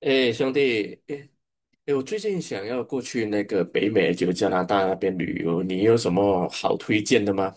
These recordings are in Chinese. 哎，兄弟，哎哎，我最近想要过去那个北美，就加拿大那边旅游，你有什么好推荐的吗？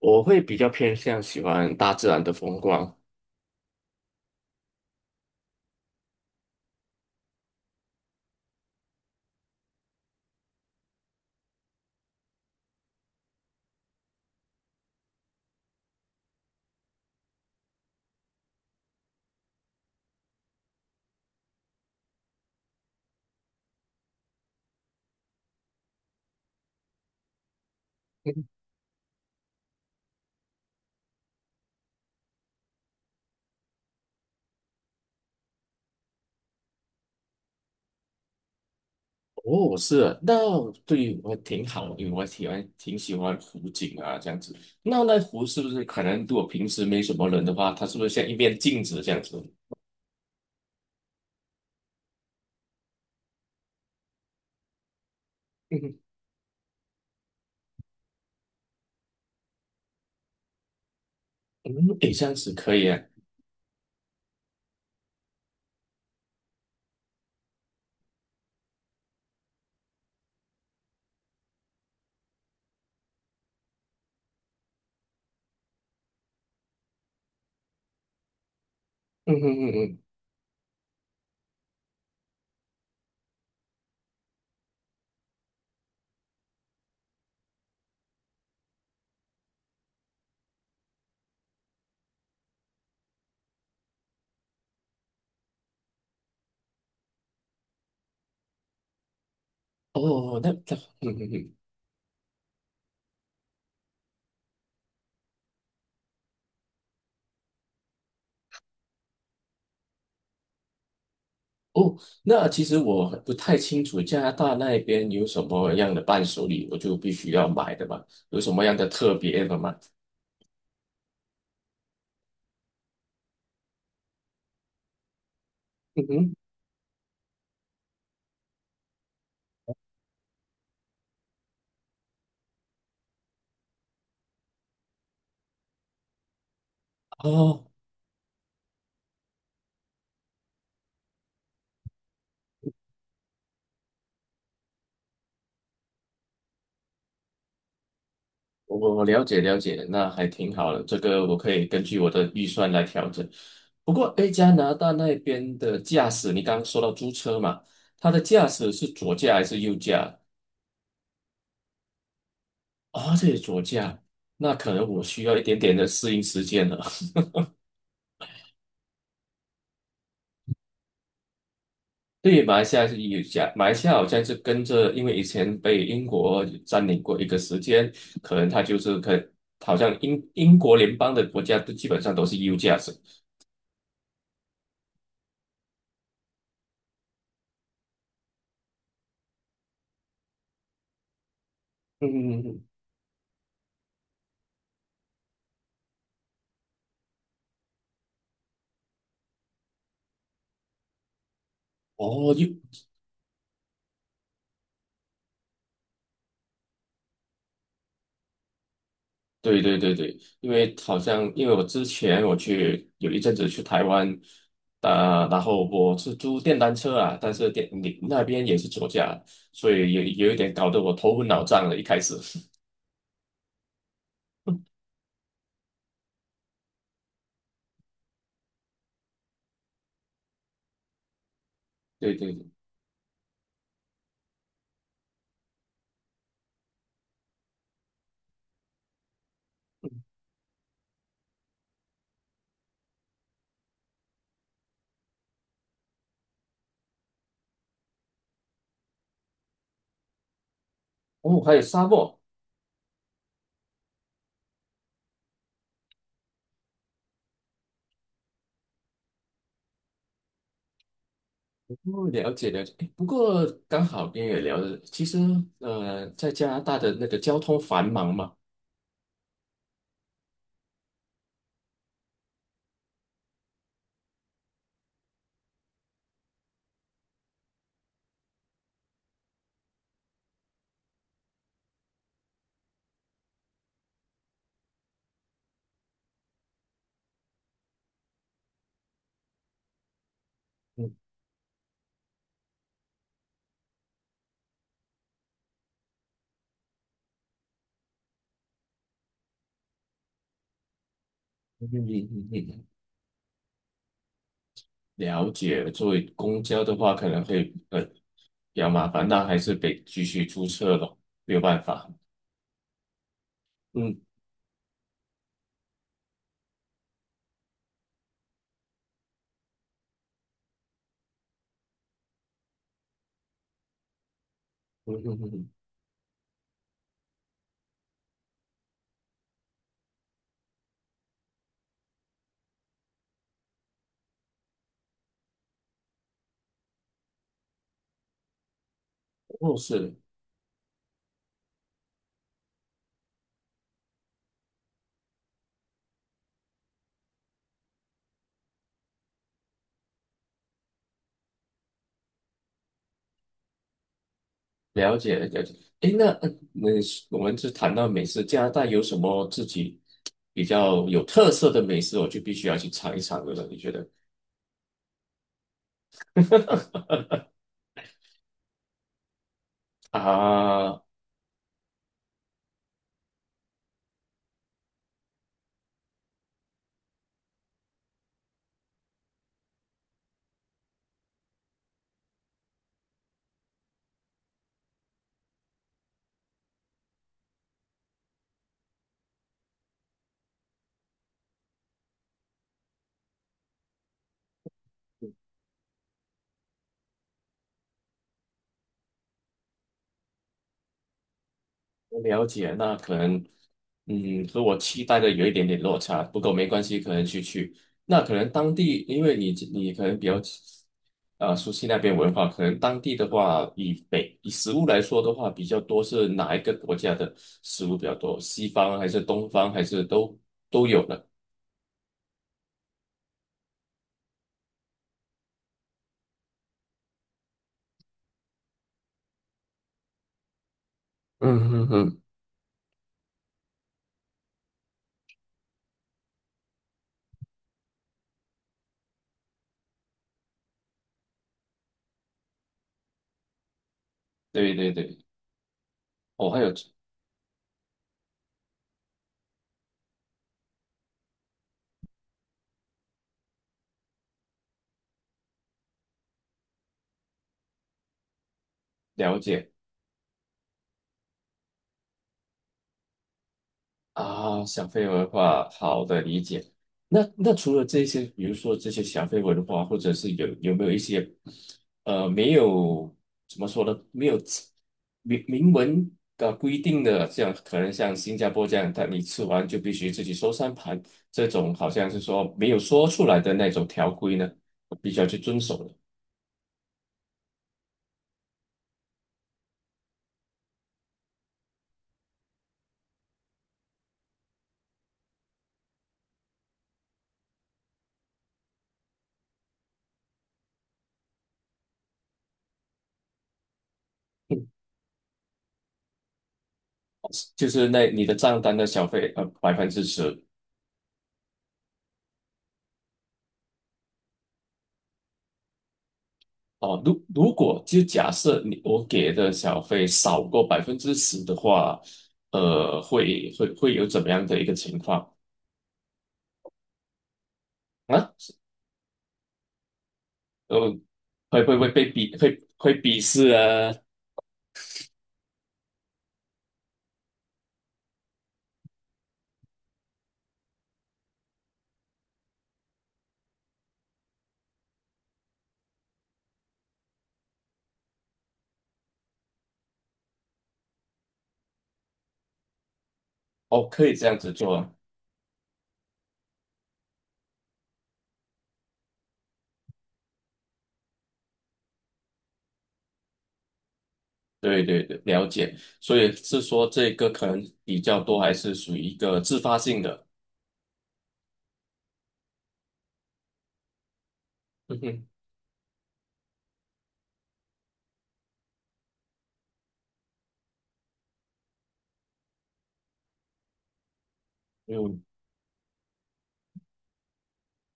我会比较偏向喜欢大自然的风光。嗯。哦，是啊，那对我挺好，因为我喜欢挺喜欢湖景啊，这样子。那湖是不是可能如果平时没什么人的话，它是不是像一面镜子这样子？嗯嗯，诶，这样子可以啊。嗯嗯嗯嗯，哦，那嗯嗯嗯。哦，那其实我不太清楚加拿大那边有什么样的伴手礼，我就必须要买的嘛，有什么样的特别的吗？嗯哼。哦，我了解了解，那还挺好的，这个我可以根据我的预算来调整。不过，诶，加拿大那边的驾驶，你刚刚说到租车嘛，它的驾驶是左驾还是右驾？哦，这也左驾，那可能我需要一点点的适应时间了。对，马来西亚是有讲，马来西亚好像是跟着，因为以前被英国占领过一个时间，可能它就是好像英国联邦的国家都基本上都是 U 价值。嗯嗯嗯，嗯。哦，U，对对对对，因为好像因为我之前我去有一阵子去台湾，啊、然后我是租电单车啊，但是电你那边也是左驾，所以有一点搞得我头昏脑胀了，一开始。对对对，哦，还有沙漠。哦，了解了解。诶不过刚好跟也聊了，其实在加拿大的那个交通繁忙嘛，嗯嗯嗯嗯嗯，了解。作为公交的话，可能会比较麻烦，那还是得继续租车咯，没有办法。嗯嗯嗯嗯，嗯。哦，是了解了解。诶，那我们是谈到美食，加拿大有什么自己比较有特色的美食，我就必须要去尝一尝的了，你觉得？啊，了解，那可能，和我期待的有一点点落差，不过没关系，可能去去。那可能当地，因为你可能比较，熟悉那边文化，可能当地的话，以食物来说的话，比较多是哪一个国家的食物比较多？西方还是东方，还是都有的？嗯嗯嗯。对对对，我还有了解。啊，小费文化，好的理解。那除了这些，比如说这些小费文化，或者是有没有一些，没有怎么说呢，没有明文的规定的，这样可能像新加坡这样，但你吃完就必须自己收3盘，这种好像是说没有说出来的那种条规呢，必须要去遵守的。就是那你的账单的小费10%。哦，如果就假设你我给的小费少过百分之十的话，会有怎么样的一个情况啊？呃，会会会被鄙会会鄙视啊？哦，可以这样子做啊。对对对，了解。所以是说这个可能比较多，还是属于一个自发性的？嗯哼，有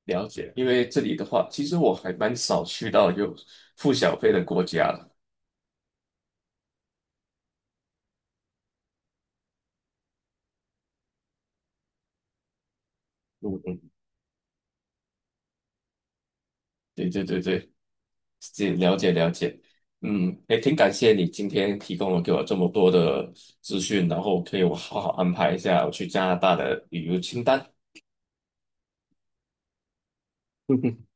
了解。因为这里的话，其实我还蛮少去到有付小费的国家的。嗯嗯，对对对对。是了解了解，也挺感谢你今天提供了给我这么多的资讯，然后可以我好好安排一下我去加拿大的旅游清单 嗯哼，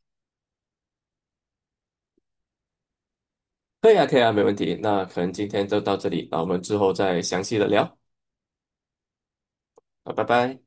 可以啊，可以啊，没问题。那可能今天就到这里，那我们之后再详细的聊。好，拜拜。